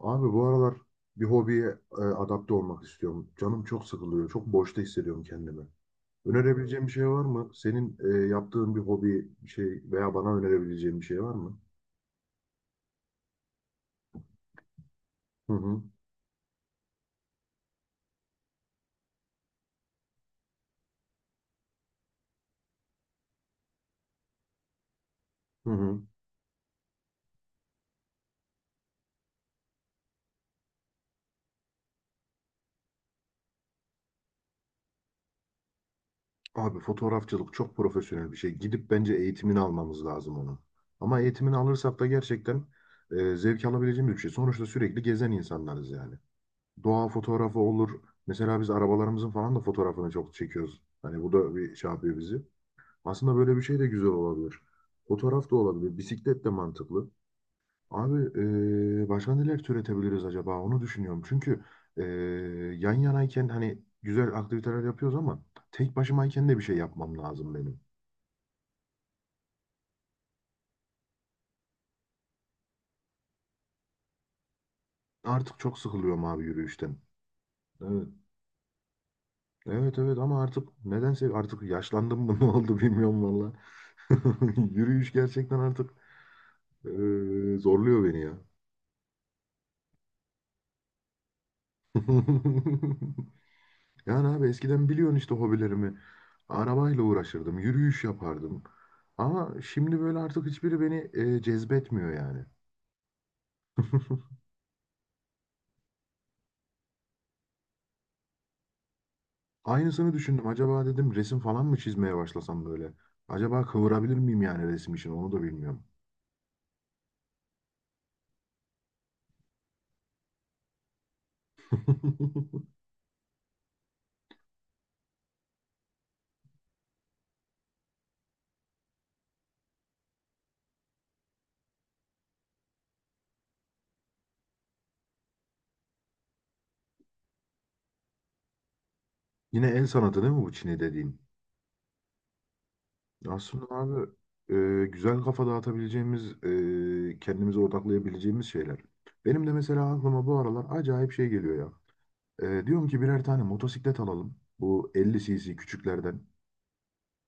Abi bu aralar bir hobiye adapte olmak istiyorum. Canım çok sıkılıyor. Çok boşta hissediyorum kendimi. Önerebileceğim bir şey var mı? Senin yaptığın bir hobi bir şey veya bana önerebileceğin bir şey var mı? Hı hı. Hı hı. Abi fotoğrafçılık çok profesyonel bir şey. Gidip bence eğitimini almamız lazım onun. Ama eğitimini alırsak da gerçekten zevk alabileceğimiz bir şey. Sonuçta sürekli gezen insanlarız yani. Doğa fotoğrafı olur. Mesela biz arabalarımızın falan da fotoğrafını çok çekiyoruz. Hani bu da bir şey yapıyor bizi. Aslında böyle bir şey de güzel olabilir. Fotoğraf da olabilir. Bisiklet de mantıklı. Abi başka neler türetebiliriz acaba? Onu düşünüyorum. Çünkü eee, yan yanayken hani güzel aktiviteler yapıyoruz ama tek başımayken de bir şey yapmam lazım benim. Artık çok sıkılıyorum abi yürüyüşten. Evet. Evet, evet, ama artık nedense artık yaşlandım mı ne oldu bilmiyorum valla. Yürüyüş gerçekten artık zorluyor beni ya. Yani abi eskiden biliyorsun işte hobilerimi. Arabayla uğraşırdım, yürüyüş yapardım. Ama şimdi böyle artık hiçbiri beni cezbetmiyor yani. Aynısını düşündüm. Acaba dedim resim falan mı çizmeye başlasam böyle? Acaba kıvırabilir miyim yani resim için onu da bilmiyorum. Yine el sanatı değil mi bu Çin'e dediğin? Aslında abi güzel kafa dağıtabileceğimiz, kendimize odaklayabileceğimiz şeyler. Benim de mesela aklıma bu aralar acayip şey geliyor ya. Diyorum ki birer tane motosiklet alalım. Bu 50 cc küçüklerden.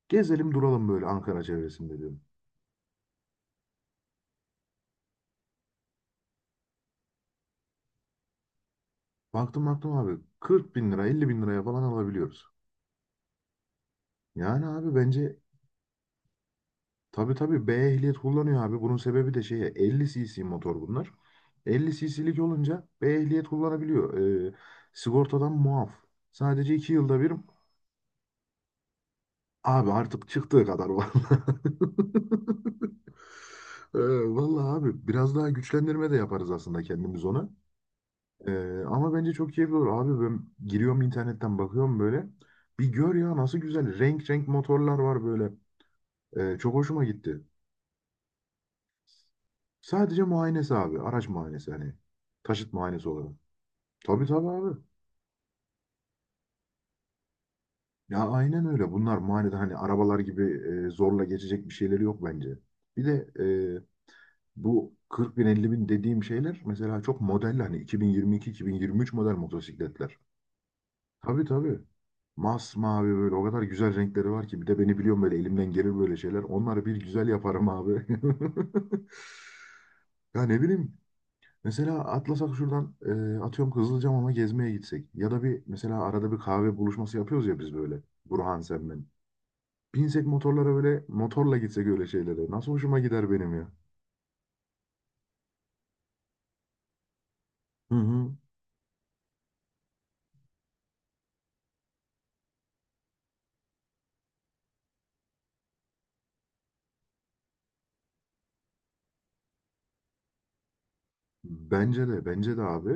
Gezelim duralım böyle Ankara çevresinde diyorum. Baktım, baktım abi, 40 bin lira, 50 bin liraya falan alabiliyoruz. Yani abi bence, tabii, tabii B ehliyet kullanıyor abi. Bunun sebebi de şeye 50 cc motor bunlar. 50 cc'lik olunca B ehliyet kullanabiliyor. Ee, sigortadan muaf. Sadece 2 yılda bir abi artık çıktığı kadar vallahi. Ee, vallahi abi biraz daha güçlendirme de yaparız aslında kendimiz ona. Ama bence çok keyifli olur. Abi ben giriyorum internetten bakıyorum böyle. Bir gör ya nasıl güzel. Renk renk motorlar var böyle. Çok hoşuma gitti. Sadece muayenesi abi. Araç muayenesi hani. Taşıt muayenesi olarak. Tabii, tabii abi. Ya aynen öyle. Bunlar muayenede hani arabalar gibi zorla geçecek bir şeyleri yok bence. Bir de e, bu 40 bin, 50 bin dediğim şeyler mesela çok model, hani 2022-2023 model motosikletler. Tabii, tabii. Masmavi böyle, o kadar güzel renkleri var ki. Bir de beni biliyorum, böyle elimden gelir böyle şeyler. Onları bir güzel yaparım abi. Ya ne bileyim. Mesela atlasak şuradan atıyorum Kızılcamam'a gezmeye gitsek. Ya da bir mesela arada bir kahve buluşması yapıyoruz ya biz böyle. Burhan, sen, ben. Binsek motorlara, böyle motorla gitsek öyle şeylere. Nasıl hoşuma gider benim ya. Hı hı. Bence de, bence de abi.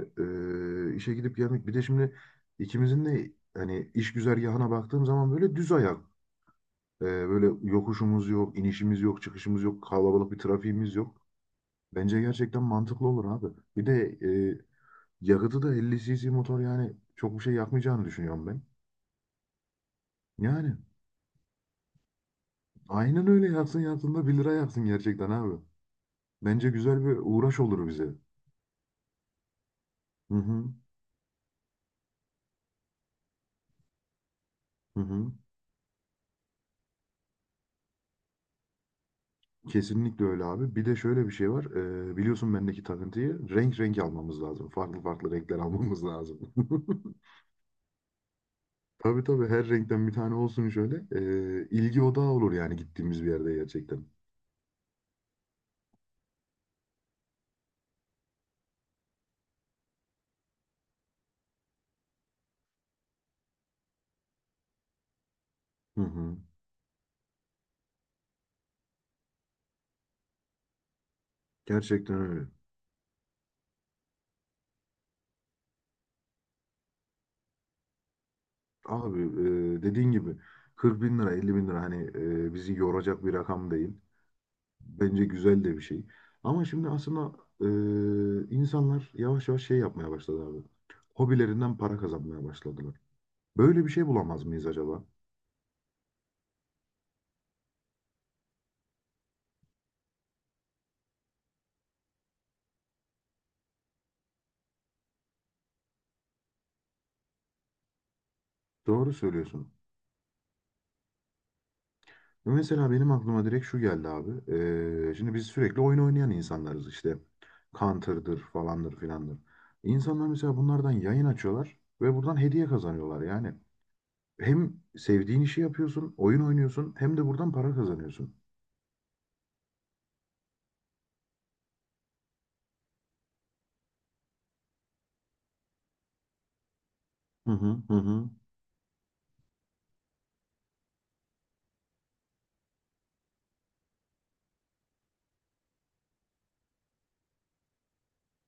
E, işe gidip gelmek. Bir de şimdi ikimizin de hani iş güzergahına baktığım zaman böyle düz ayak. Böyle yokuşumuz yok, inişimiz yok, çıkışımız yok, kalabalık bir trafiğimiz yok. Bence gerçekten mantıklı olur abi. Bir de yakıtı da, 50 cc motor yani, çok bir şey yakmayacağını düşünüyorum ben. Yani aynen öyle, yaksın yaksın da 1 lira yaksın gerçekten abi. Bence güzel bir uğraş olur bize. Hı hı. Hı hı. Kesinlikle öyle abi. Bir de şöyle bir şey var. Biliyorsun bendeki takıntıyı, renk renk almamız lazım. Farklı farklı renkler almamız lazım. Tabii, tabii her renkten bir tane olsun şöyle. İlgi odağı olur yani gittiğimiz bir yerde gerçekten. Hı hı. Gerçekten öyle. Abi dediğin gibi 40 bin lira, 50 bin lira hani bizi yoracak bir rakam değil. Bence güzel de bir şey. Ama şimdi aslında insanlar yavaş yavaş şey yapmaya başladı abi. Hobilerinden para kazanmaya başladılar. Böyle bir şey bulamaz mıyız acaba? Doğru söylüyorsun. Mesela benim aklıma direkt şu geldi abi. Şimdi biz sürekli oyun oynayan insanlarız işte. Counter'dır, falandır, filandır. İnsanlar mesela bunlardan yayın açıyorlar ve buradan hediye kazanıyorlar yani. Hem sevdiğin işi yapıyorsun, oyun oynuyorsun, hem de buradan para kazanıyorsun. Hı hı, hı hı.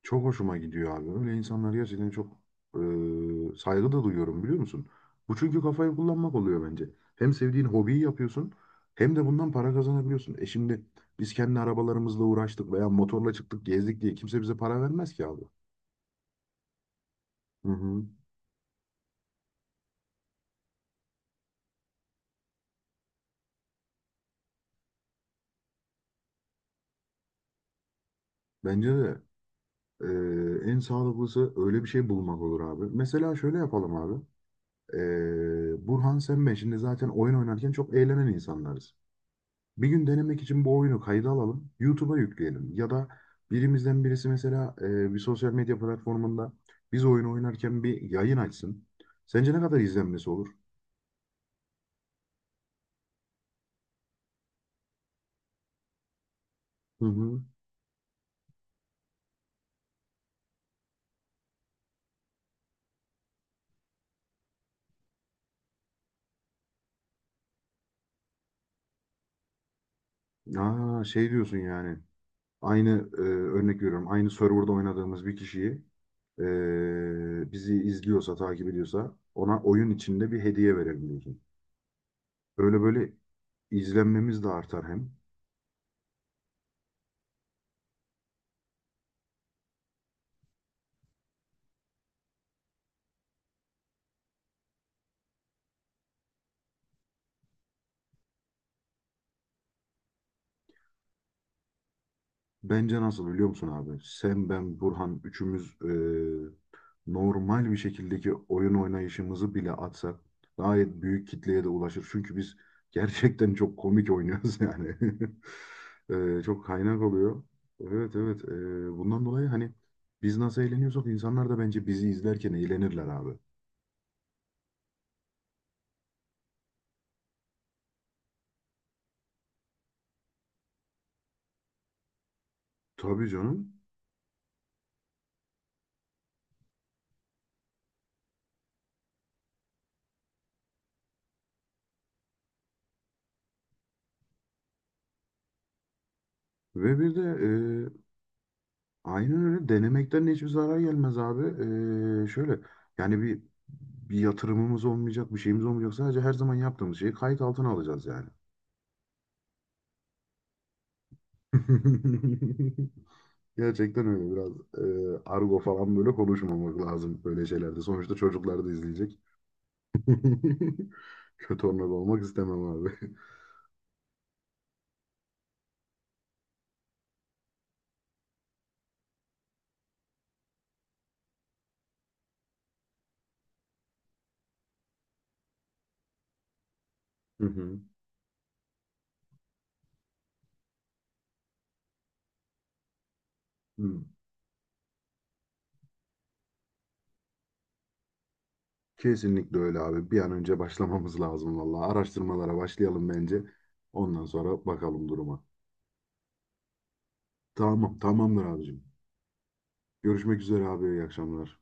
Çok hoşuma gidiyor abi. Öyle insanlar gerçekten çok e, saygı da duyuyorum, biliyor musun? Bu çünkü kafayı kullanmak oluyor bence. Hem sevdiğin hobiyi yapıyorsun, hem de bundan para kazanabiliyorsun. E şimdi biz kendi arabalarımızla uğraştık veya motorla çıktık gezdik diye kimse bize para vermez ki abi. Hı hı. Bence de en sağlıklısı öyle bir şey bulmak olur abi. Mesela şöyle yapalım abi. Burhan, sen, ben şimdi zaten oyun oynarken çok eğlenen insanlarız. Bir gün denemek için bu oyunu kayda alalım, YouTube'a yükleyelim. Ya da birimizden birisi mesela bir sosyal medya platformunda biz oyun oynarken bir yayın açsın. Sence ne kadar izlenmesi olur? Hı hı. Aa, şey diyorsun yani. Aynı örnek veriyorum. Aynı serverda oynadığımız bir kişiyi bizi izliyorsa, takip ediyorsa, ona oyun içinde bir hediye verelim diyorsun. Böyle böyle izlenmemiz de artar hem. Bence nasıl biliyor musun abi? Sen, ben, Burhan üçümüz normal bir şekildeki oyun oynayışımızı bile atsak gayet büyük kitleye de ulaşır. Çünkü biz gerçekten çok komik oynuyoruz yani. Çok kaynak oluyor. Evet, evet. Bundan dolayı hani biz nasıl eğleniyorsak, insanlar da bence bizi izlerken eğlenirler abi. Tabii canım. Ve bir de aynen öyle. Denemekten hiçbir zarar gelmez abi. Şöyle yani, bir yatırımımız olmayacak, bir şeyimiz olmayacak. Sadece her zaman yaptığımız şeyi kayıt altına alacağız yani. Gerçekten öyle, biraz argo falan böyle konuşmamak lazım böyle şeylerde. Sonuçta çocuklar da izleyecek. Kötü onlarda olmak istemem abi. Hı hı. Hı. Kesinlikle öyle abi. Bir an önce başlamamız lazım vallahi. Araştırmalara başlayalım bence. Ondan sonra bakalım duruma. Tamam, tamamdır abicim. Görüşmek üzere abi. İyi akşamlar.